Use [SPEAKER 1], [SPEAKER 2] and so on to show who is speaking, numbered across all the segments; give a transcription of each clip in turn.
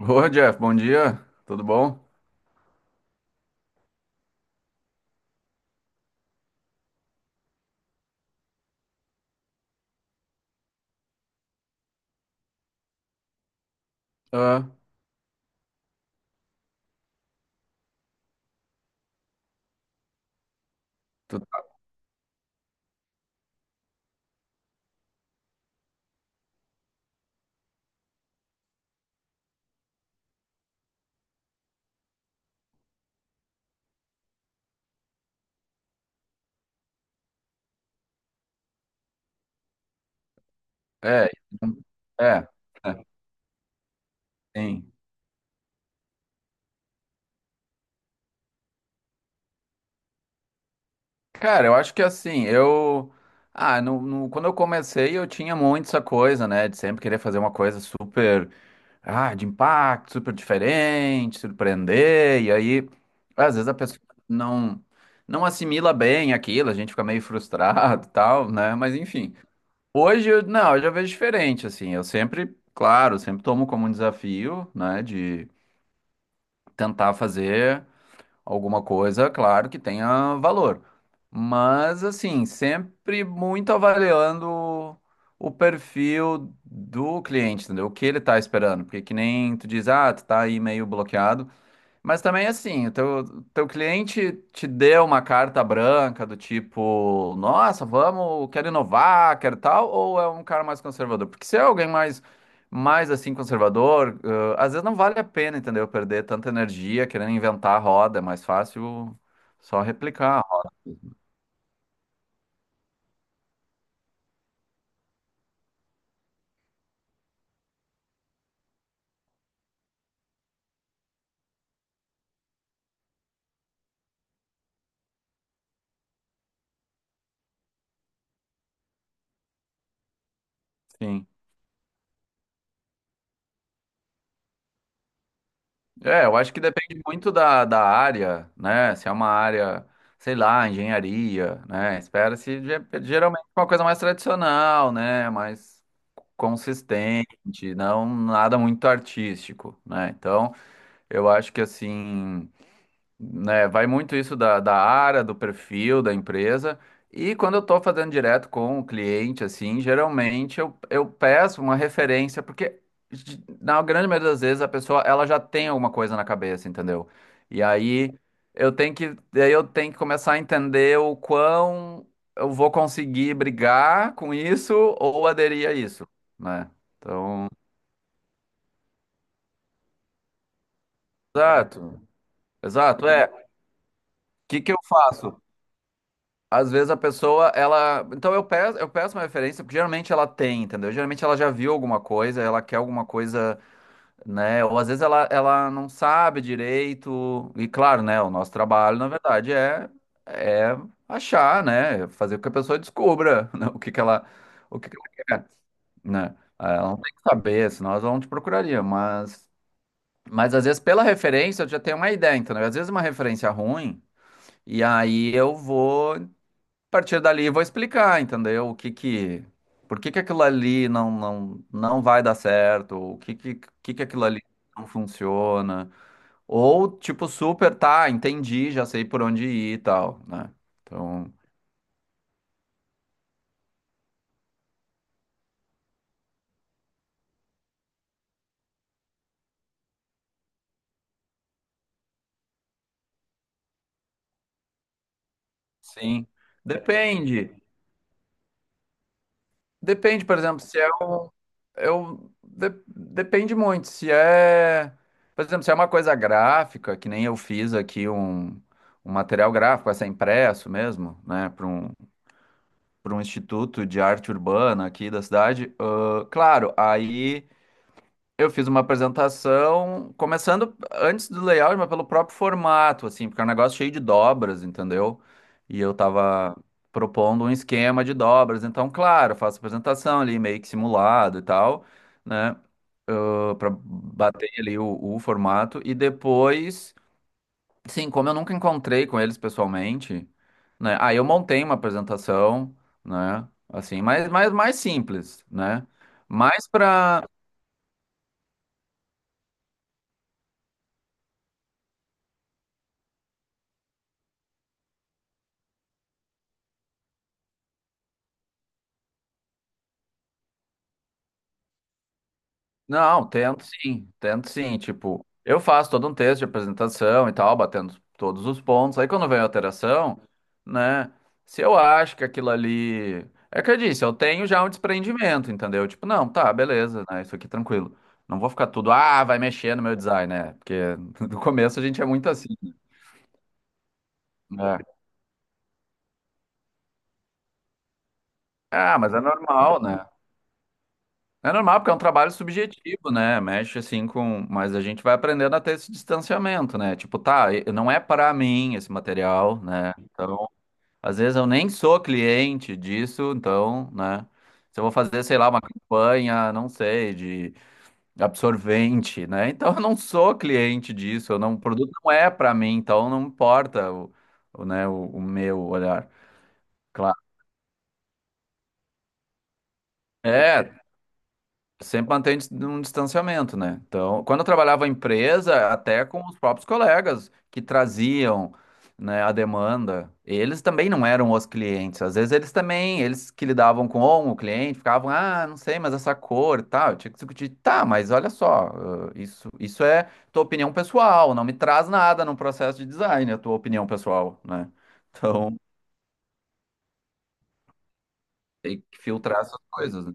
[SPEAKER 1] Ô, Jeff, bom dia, tudo bom? Ah, tá. É, é, é, sim. Cara, eu acho que assim, eu. Ah, quando eu comecei, eu tinha muito essa coisa, né, de sempre querer fazer uma coisa super. Ah, de impacto, super diferente, surpreender, e aí, às vezes a pessoa não, não assimila bem aquilo, a gente fica meio frustrado e tal, né, mas enfim. Hoje, não, eu já vejo diferente, assim, eu sempre, claro, sempre tomo como um desafio, né, de tentar fazer alguma coisa, claro, que tenha valor. Mas, assim, sempre muito avaliando o perfil do cliente, entendeu? O que ele tá esperando. Porque que nem tu diz, ah, tu tá aí meio bloqueado. Mas também assim, teu cliente te deu uma carta branca do tipo, nossa, vamos, quero inovar, quero tal, ou é um cara mais conservador? Porque se é alguém mais, mais assim, conservador, às vezes não vale a pena, entendeu? Perder tanta energia querendo inventar a roda, é mais fácil só replicar. Sim. É, eu acho que depende muito da área, né? Se é uma área, sei lá, engenharia, né? Espera-se geralmente uma coisa mais tradicional, né? Mais consistente, não nada muito artístico, né? Então, eu acho que assim, né, vai muito isso da área, do perfil da empresa. E quando eu estou fazendo direto com o cliente, assim, geralmente eu peço uma referência, porque na grande maioria das vezes a pessoa ela já tem alguma coisa na cabeça, entendeu? E aí eu tenho que, daí eu tenho que começar a entender o quão eu vou conseguir brigar com isso ou aderir a isso, né? Então, exato, exato. É, o que que eu faço? Às vezes a pessoa, ela. Então eu peço uma referência, porque geralmente ela tem, entendeu? Geralmente ela já viu alguma coisa, ela quer alguma coisa, né? Ou às vezes ela não sabe direito. E claro, né? O nosso trabalho, na verdade, é achar, né? Fazer com que a pessoa descubra, né, o que que ela quer, né? Ah, ela não tem que saber, senão ela não te procuraria. Mas às vezes pela referência eu já tenho uma ideia, entendeu? Às vezes uma referência ruim. E aí eu vou a partir dali vou explicar, entendeu? Por que que aquilo ali não vai dar certo, que aquilo ali não funciona, ou tipo super, tá, entendi, já sei por onde ir e tal, né? Então, sim, depende. Depende, por exemplo, se é um depende muito se é, por exemplo, se é uma coisa gráfica, que nem eu fiz aqui um material gráfico, vai ser impresso mesmo, né, para um instituto de arte urbana aqui da cidade. Ah, claro, aí eu fiz uma apresentação, começando antes do layout, mas pelo próprio formato, assim, porque é um negócio cheio de dobras, entendeu? E eu tava propondo um esquema de dobras, então, claro, eu faço apresentação ali, meio que simulado e tal, né? Para bater ali o formato, e depois. Sim, como eu nunca encontrei com eles pessoalmente, né? Aí eu montei uma apresentação, né? Assim, mas mais simples, né? Mais pra. Não, tento sim. Tipo, eu faço todo um texto de apresentação e tal, batendo todos os pontos. Aí quando vem a alteração, né? Se eu acho que aquilo ali. É que eu disse, eu tenho já um desprendimento, entendeu? Tipo, não, tá, beleza, né? Isso aqui tranquilo. Não vou ficar tudo, ah, vai mexer no meu design, né? Porque no começo a gente é muito assim, né? Ah, mas é normal, né? É normal, porque é um trabalho subjetivo, né? Mexe assim com. Mas a gente vai aprendendo a ter esse distanciamento, né? Tipo, tá, não é para mim esse material, né? Então, às vezes eu nem sou cliente disso, então, né? Se eu vou fazer, sei lá, uma campanha, não sei, de absorvente, né? Então, eu não sou cliente disso, eu não, o produto não é para mim, então não importa né, o meu olhar. Claro. É, sempre mantém um distanciamento, né? Então, quando eu trabalhava em empresa, até com os próprios colegas que traziam, né, a demanda, eles também não eram os clientes. Às vezes eles também, eles que lidavam com o cliente, ficavam, ah, não sei, mas essa cor, e tal. Eu tinha que discutir, tá, mas olha só, ah, isso é tua opinião pessoal, não me traz nada num processo de design, a tua opinião pessoal, né? Então, tem que filtrar essas coisas, né?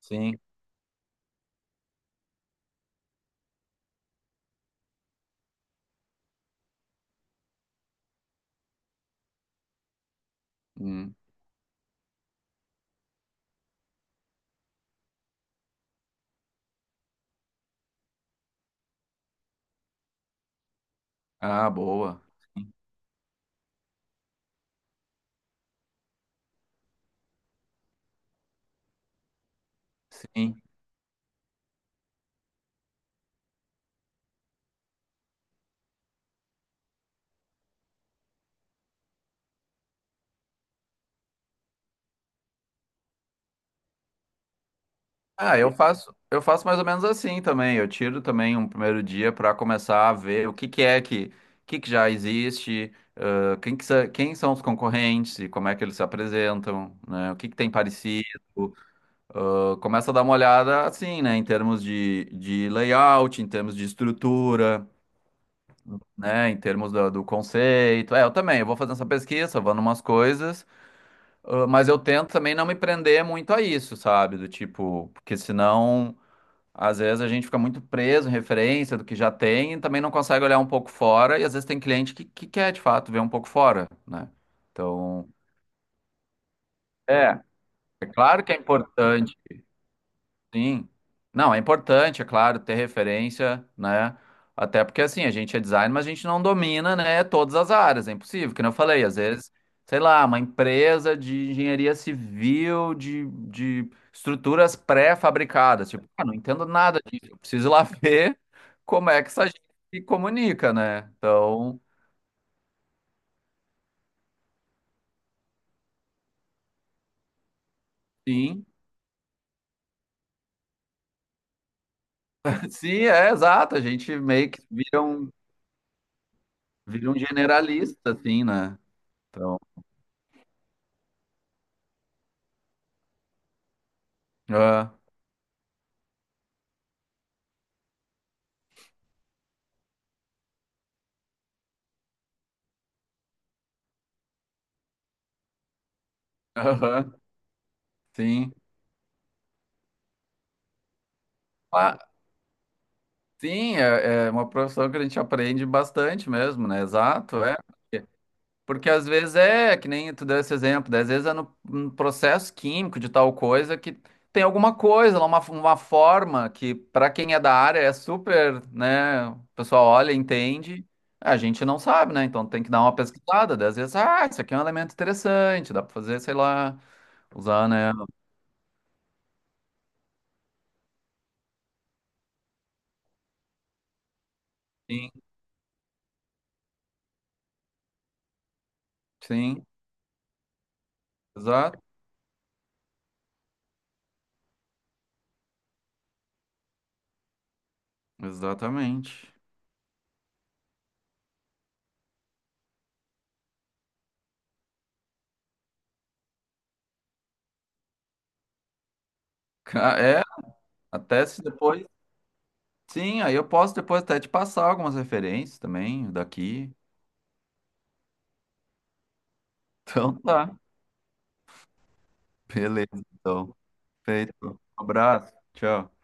[SPEAKER 1] Sim. Hum. Ah, boa. Sim. Ah, eu faço mais ou menos assim também. Eu tiro também um primeiro dia para começar a ver o que que é que já existe, quem que quem são os concorrentes e como é que eles se apresentam, né? O que que tem parecido. Começa a dar uma olhada assim, né? Em termos de layout, em termos de estrutura, né? Em termos do conceito. É, eu também, eu vou fazendo essa pesquisa, eu vou numas coisas, mas eu tento também não me prender muito a isso, sabe? Do tipo, porque senão. Às vezes a gente fica muito preso em referência do que já tem e também não consegue olhar um pouco fora, e às vezes tem cliente que quer de fato ver um pouco fora, né? Então, é, é claro que é importante. Sim. Não, é importante, é claro, ter referência, né? Até porque assim, a gente é designer, mas a gente não domina, né, todas as áreas, é impossível, que nem eu falei, às vezes, sei lá, uma empresa de engenharia civil, de estruturas pré-fabricadas, tipo, ah, não entendo nada disso, eu preciso ir lá ver como é que essa gente se comunica, né? Então, sim, sim, é exato, a gente meio que vira um generalista, assim, né? Então, ah, aham, sim. Ah, sim, é, é uma profissão que a gente aprende bastante mesmo, né? Exato, é. Porque às vezes é, que nem tu deu esse exemplo, né? Às vezes é no processo químico de tal coisa que tem alguma coisa lá, uma forma que para quem é da área é super, né? O pessoal olha, entende, a gente não sabe, né? Então tem que dar uma pesquisada. Né? Às vezes, ah, isso aqui é um elemento interessante, dá pra fazer, sei lá, usar, né? Sim, sim, exato, exatamente. É, até se depois. Sim, aí eu posso depois até te passar algumas referências também daqui. Então tá. Beleza, então. Feito. Um abraço. Tchau.